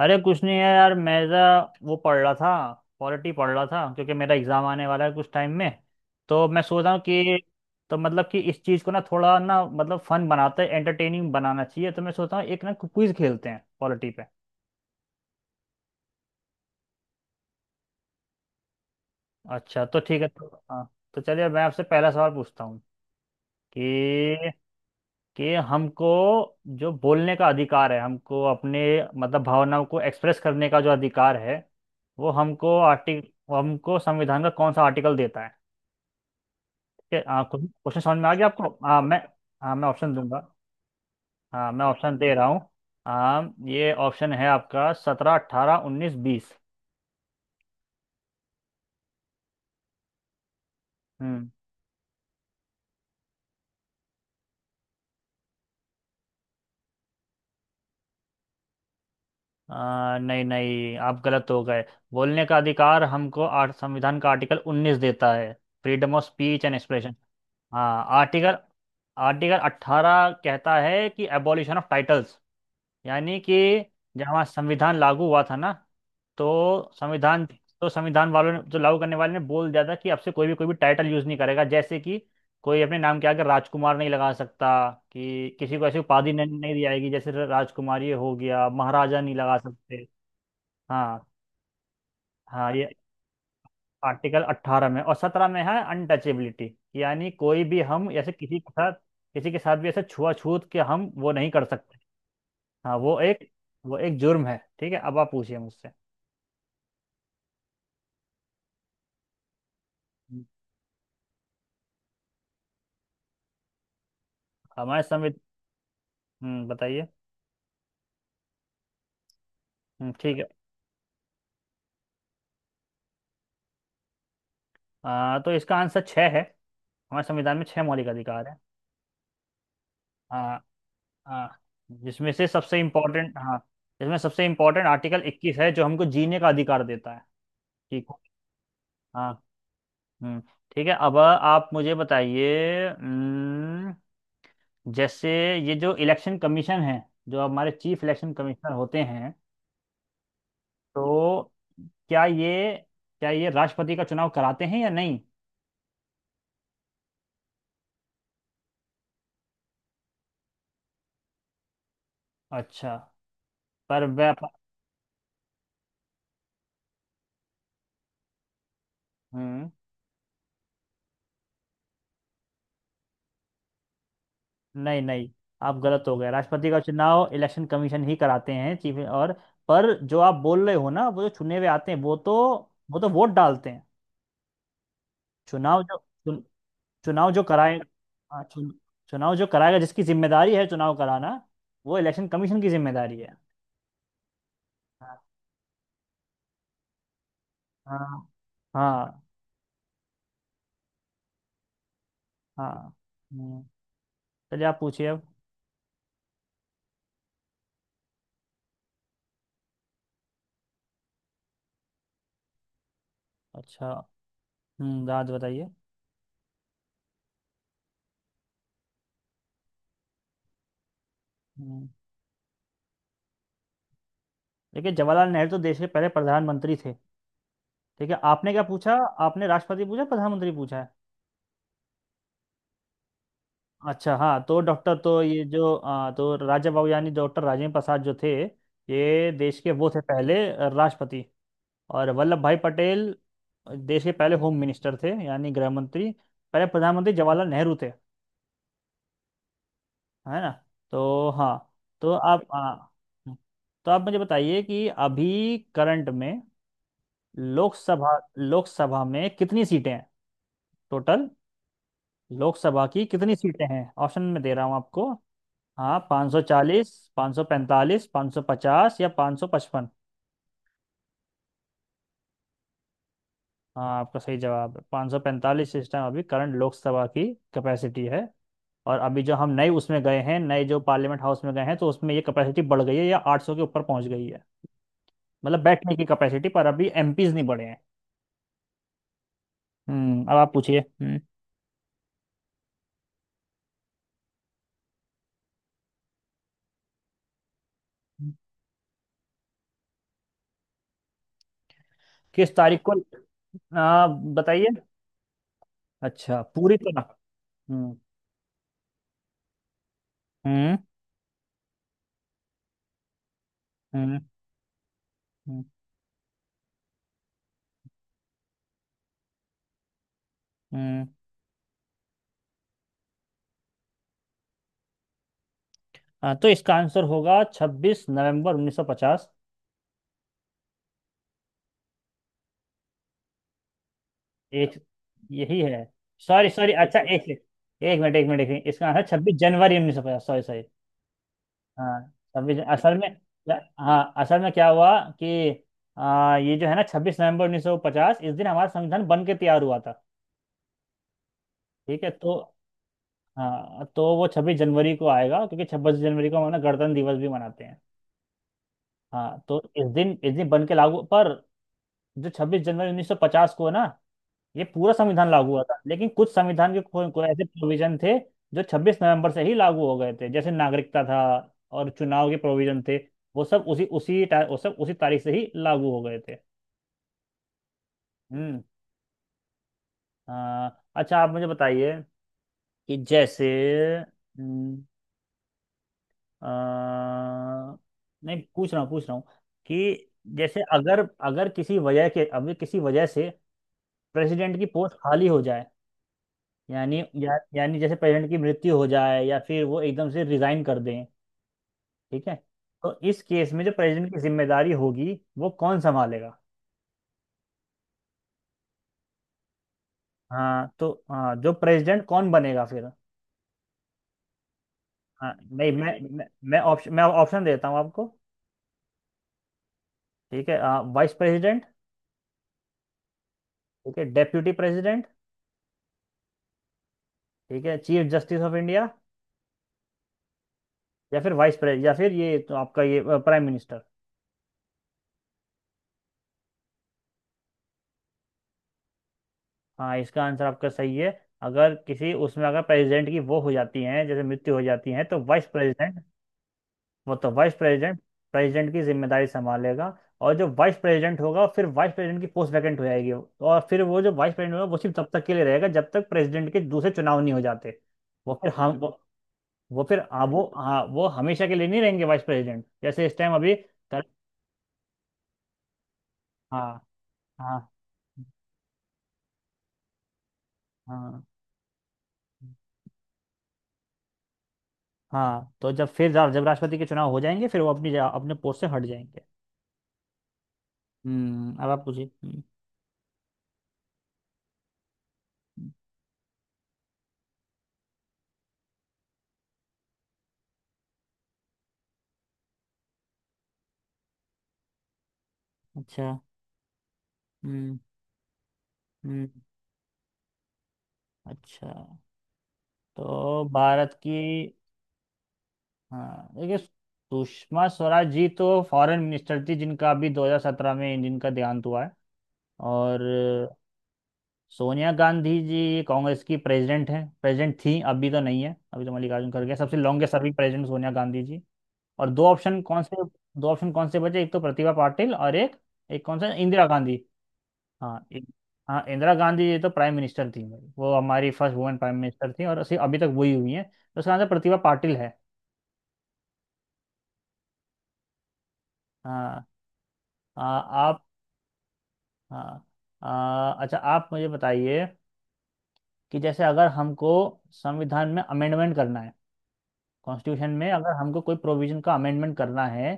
अरे कुछ नहीं है यार, मैं ज़रा वो पढ़ रहा था। पॉलिटी पढ़ रहा था क्योंकि मेरा एग्ज़ाम आने वाला है कुछ टाइम में। तो मैं सोच रहा हूँ कि तो मतलब कि इस चीज़ को ना थोड़ा ना मतलब फन बनाते हैं, एंटरटेनिंग बनाना चाहिए। तो मैं सोचता हूँ एक ना क्विज खेलते हैं पॉलिटी पे। अच्छा तो ठीक है, तो हाँ, तो चलिए मैं आपसे पहला सवाल पूछता हूँ कि कि हमको जो बोलने का अधिकार है, हमको अपने मतलब भावनाओं को एक्सप्रेस करने का जो अधिकार है, वो हमको आर्टिक वो हमको संविधान का कौन सा आर्टिकल देता है? क्या कुछ क्वेश्चन समझ में आ गया आपको? मैं। हाँ मैं ऑप्शन दूंगा। हाँ मैं ऑप्शन दे रहा हूँ। हाँ ये ऑप्शन है आपका, सत्रह अट्ठारह उन्नीस बीस। हम्म नहीं नहीं, आप गलत हो गए। बोलने का अधिकार हमको संविधान का आर्टिकल उन्नीस देता है, freedom of speech and expression. हाँ आर्टिकल, आर्टिकल अट्ठारह कहता है कि एबॉलिशन ऑफ टाइटल्स, यानी कि जब हमारा संविधान लागू हुआ था ना, तो संविधान, तो संविधान वालों ने जो लागू करने वाले ने बोल दिया था कि अब से कोई भी टाइटल यूज नहीं करेगा, जैसे कि कोई अपने नाम के आगे राजकुमार नहीं लगा सकता, कि किसी को ऐसी उपाधि नहीं, नहीं दी जाएगी, जैसे राजकुमार ये हो गया, महाराजा नहीं लगा सकते। हाँ, हाँ ये आर्टिकल 18 में और 17 में है अनटचेबिलिटी, यानी कोई भी हम ऐसे किसी के साथ, किसी के साथ भी ऐसे छुआछूत के हम वो नहीं कर सकते। हाँ वो एक, वो एक जुर्म है। ठीक है, अब आप पूछिए मुझसे। हमारे संविधान। बताइए। ठीक है। तो इसका आंसर छः है, हमारे संविधान में छः मौलिक अधिकार है। आ, आ, जिसमें से सबसे इम्पोर्टेंट, हाँ, जिसमें सबसे इम्पोर्टेंट आर्टिकल इक्कीस है, जो हमको जीने का अधिकार देता है। ठीक है। हाँ। हम्म। ठीक है, अब आप मुझे बताइए। जैसे ये जो इलेक्शन कमीशन है, जो हमारे चीफ इलेक्शन कमिश्नर होते हैं, तो क्या ये, क्या ये राष्ट्रपति का चुनाव कराते हैं या नहीं? अच्छा, पर वह। हम्म। नहीं नहीं, आप गलत हो गए, राष्ट्रपति का चुनाव इलेक्शन कमीशन ही कराते हैं, चीफ। और पर जो आप बोल रहे हो ना, वो जो चुने हुए आते हैं वो तो, वो तो वोट डालते हैं। चुनाव जो चुन, चुनाव जो कराएगा, हाँ, चुनाव जो कराएगा, जिसकी जिम्मेदारी है चुनाव कराना, वो इलेक्शन कमीशन की जिम्मेदारी है। हाँ, हाँ, हाँ, हाँ, हम्म, चलिए आप पूछिए अब। अच्छा। राज बताइए। हम्म, देखिए जवाहरलाल नेहरू तो देश के पहले प्रधानमंत्री थे। ठीक है, आपने क्या पूछा? आपने राष्ट्रपति पूछा, प्रधानमंत्री पूछा? अच्छा हाँ, तो डॉक्टर तो ये जो तो राजा बाबू यानी डॉक्टर राजेंद्र प्रसाद जो थे, ये देश के वो थे पहले राष्ट्रपति। और वल्लभ भाई पटेल देश के पहले होम मिनिस्टर थे, यानी गृह मंत्री। पहले प्रधानमंत्री जवाहरलाल नेहरू थे, है ना? तो हाँ, तो आप तो आप मुझे बताइए कि अभी करंट में लोकसभा, लोकसभा में कितनी सीटें हैं? टोटल लोकसभा की कितनी सीटें हैं? ऑप्शन में दे रहा हूँ आपको, हाँ, पाँच सौ चालीस, पाँच सौ पैंतालीस, पाँच सौ पचास, या पाँच सौ पचपन। हाँ आपका सही जवाब है, पाँच सौ पैंतालीस इस टाइम अभी करंट लोकसभा की कैपेसिटी है। और अभी जो हम नए उसमें गए हैं, नए जो पार्लियामेंट हाउस में गए हैं, तो उसमें ये कैपेसिटी बढ़ गई है, या आठ सौ के ऊपर पहुंच गई है, मतलब बैठने की कैपेसिटी, पर अभी एमपीज नहीं बढ़े हैं। हम्म, अब आप पूछिए। हम्म। किस तारीख को? बताइए। अच्छा, पूरी तरह। हम्म। हम्म। हम्म। हम्म। हम्म। तो इसका आंसर होगा छब्बीस नवंबर उन्नीस सौ पचास। एक, यही है? सॉरी सॉरी, अच्छा एक सेकंड, एक मिनट, एक मिनट, एक मिनट, इसका आंसर छब्बीस जनवरी उन्नीस सौ पचास, सॉरी सॉरी। हाँ छब्बीस, असल में, हाँ असल में क्या हुआ कि ये जो है ना, छब्बीस नवंबर उन्नीस सौ पचास, इस दिन हमारा संविधान बन के तैयार हुआ था। ठीक है, तो हाँ तो वो छब्बीस जनवरी को आएगा क्योंकि छब्बीस जनवरी को हम ना गणतंत्र दिवस भी मनाते हैं। हाँ, तो इस दिन, इस दिन बन के लागू। पर जो छब्बीस जनवरी उन्नीस सौ पचास को है ना, ये पूरा संविधान लागू हुआ था, लेकिन कुछ संविधान के को ऐसे प्रोविजन थे जो 26 नवंबर से ही लागू हो गए थे, जैसे नागरिकता था और चुनाव के प्रोविजन थे। वो सब उसी उसी वो सब उसी तारीख से ही लागू हो गए थे। हम्म। हाँ, अच्छा आप मुझे बताइए कि जैसे। हम्म, अ, नहीं, पूछ रहा हूँ, पूछ रहा हूँ कि जैसे अगर, अगर किसी वजह के अभी किसी वजह से प्रेसिडेंट की पोस्ट खाली हो जाए, यानी यानी जैसे प्रेसिडेंट की मृत्यु हो जाए या फिर वो एकदम से रिजाइन कर दें, ठीक है, तो इस केस में जो प्रेसिडेंट की जिम्मेदारी होगी वो कौन संभालेगा? हाँ तो हाँ, जो प्रेसिडेंट कौन बनेगा फिर? हाँ नहीं, मैं मैं ऑप्शन, मैं ऑप्शन देता हूँ आपको, ठीक है, हाँ, वाइस प्रेसिडेंट, ठीक है, डेप्यूटी प्रेसिडेंट, ठीक है, चीफ जस्टिस ऑफ इंडिया, या फिर वाइस प्रेसिडेंट, या फिर ये तो आपका ये प्राइम मिनिस्टर। हाँ, इसका आंसर आपका सही है। अगर किसी उसमें अगर प्रेसिडेंट की वो हो जाती है, जैसे मृत्यु हो जाती है, तो वाइस प्रेसिडेंट, मतलब वाइस प्रेसिडेंट प्रेसिडेंट की जिम्मेदारी संभालेगा। और जो वाइस प्रेसिडेंट होगा, फिर वाइस प्रेसिडेंट की पोस्ट वैकेंट हो जाएगी, और फिर वो जो वाइस प्रेसिडेंट होगा वो सिर्फ तब तक के लिए रहेगा जब तक प्रेसिडेंट के दूसरे चुनाव नहीं हो जाते। वो फिर हम वो फिर वो हाँ, वो हमेशा के लिए नहीं रहेंगे वाइस प्रेसिडेंट, जैसे इस टाइम अभी हाँ, हाँ, हाँ, हाँ, तो जब फिर जब राष्ट्रपति के चुनाव हो जाएंगे, फिर वो अपने पोस्ट से हट जाएंगे। हम्म, अब आप पूछिए। हम्म। हम्म। अच्छा। हम्म। हम्म। अच्छा, तो भारत की। हाँ देखिए, सुषमा स्वराज जी तो फॉरेन मिनिस्टर थी, जिनका अभी 2017 में जिनका देहांत हुआ है। और सोनिया गांधी जी कांग्रेस की प्रेसिडेंट हैं, प्रेसिडेंट थी, अभी तो नहीं है, अभी तो मल्लिकार्जुन खड़गे हैं। सबसे longest serving president Sonia Gandhi ji. और दो ऑप्शन कौन से, दो ऑप्शन कौन से बचे? एक तो प्रतिभा पाटिल, और एक, एक कौन सा? इंदिरा गांधी। हाँ हाँ इंदिरा गांधी जी तो प्राइम मिनिस्टर थी भाई, वो हमारी फर्स्ट वुमेन प्राइम मिनिस्टर थी और अभी तक वही हुई हैं, तो उसका आंसर प्रतिभा पाटिल है। हाँ। आप। हाँ अच्छा आप मुझे बताइए कि जैसे अगर हमको संविधान में अमेंडमेंट करना है, कॉन्स्टिट्यूशन में अगर हमको कोई प्रोविजन का अमेंडमेंट करना है,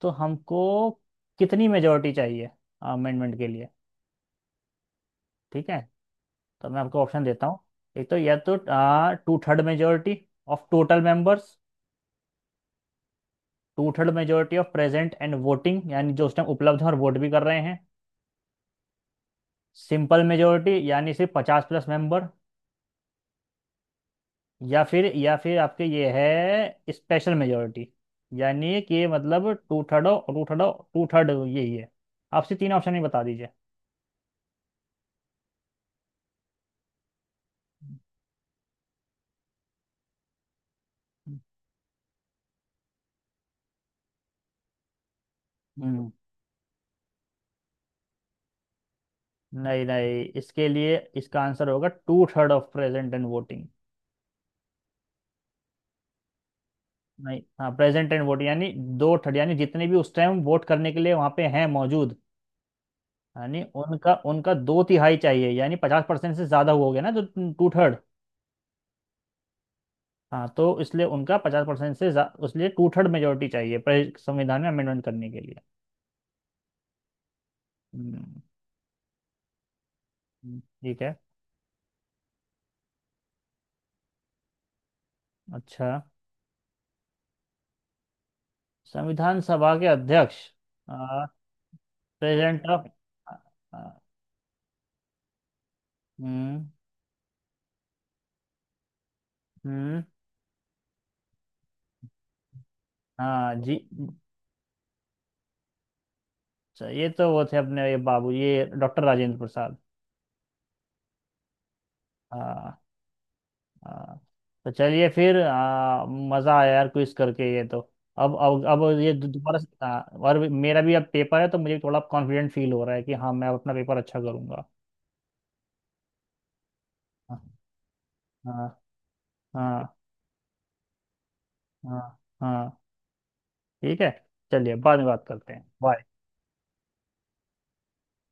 तो हमको कितनी मेजोरिटी चाहिए अमेंडमेंट के लिए? ठीक है, तो मैं आपको ऑप्शन देता हूँ, एक तो, या तो to third majority of total members, two third majority of present and voting, यानी जो उस टाइम उपलब्ध हैं और वोट भी कर रहे हैं, सिंपल मेजोरिटी, यानी सिर्फ पचास प्लस मेंबर, या फिर, या फिर आपके ये है स्पेशल मेजोरिटी, यानी कि मतलब two third. Two third, two third यही है, आपसे तीन ऑप्शन ही बता दीजिए। हम्म, नहीं नहीं, इसके लिए इसका आंसर होगा two third of present and voting. नहीं, हाँ प्रेजेंट एंड वोट, यानी दो थर्ड, यानी जितने भी उस टाइम वोट करने के लिए वहां पे हैं मौजूद, यानी उनका, उनका दो तिहाई चाहिए, यानी पचास परसेंट से ज्यादा हो गया ना जो टू थर्ड। हाँ तो इसलिए उनका पचास परसेंट से उसलिए टू थर्ड मेजोरिटी चाहिए संविधान में अमेंडमेंट करने के लिए। हम्म, ठीक है। अच्छा, संविधान सभा के अध्यक्ष, प्रेसिडेंट ऑफ। हम्म। हम्म। हाँ जी, अच्छा, ये तो वो थे, अपने ये बाबू, ये डॉक्टर राजेंद्र प्रसाद। हाँ। हाँ, तो चलिए फिर मजा आया यार क्विज करके ये तो। अब ये दोबारा से, हाँ, और मेरा भी अब पेपर है तो मुझे थोड़ा कॉन्फिडेंट फील हो रहा है कि हाँ मैं अपना पेपर अच्छा करूंगा। हाँ, हाँ, हाँ, हाँ, हाँ, ठीक है, चलिए बाद में बात करते हैं, बाय।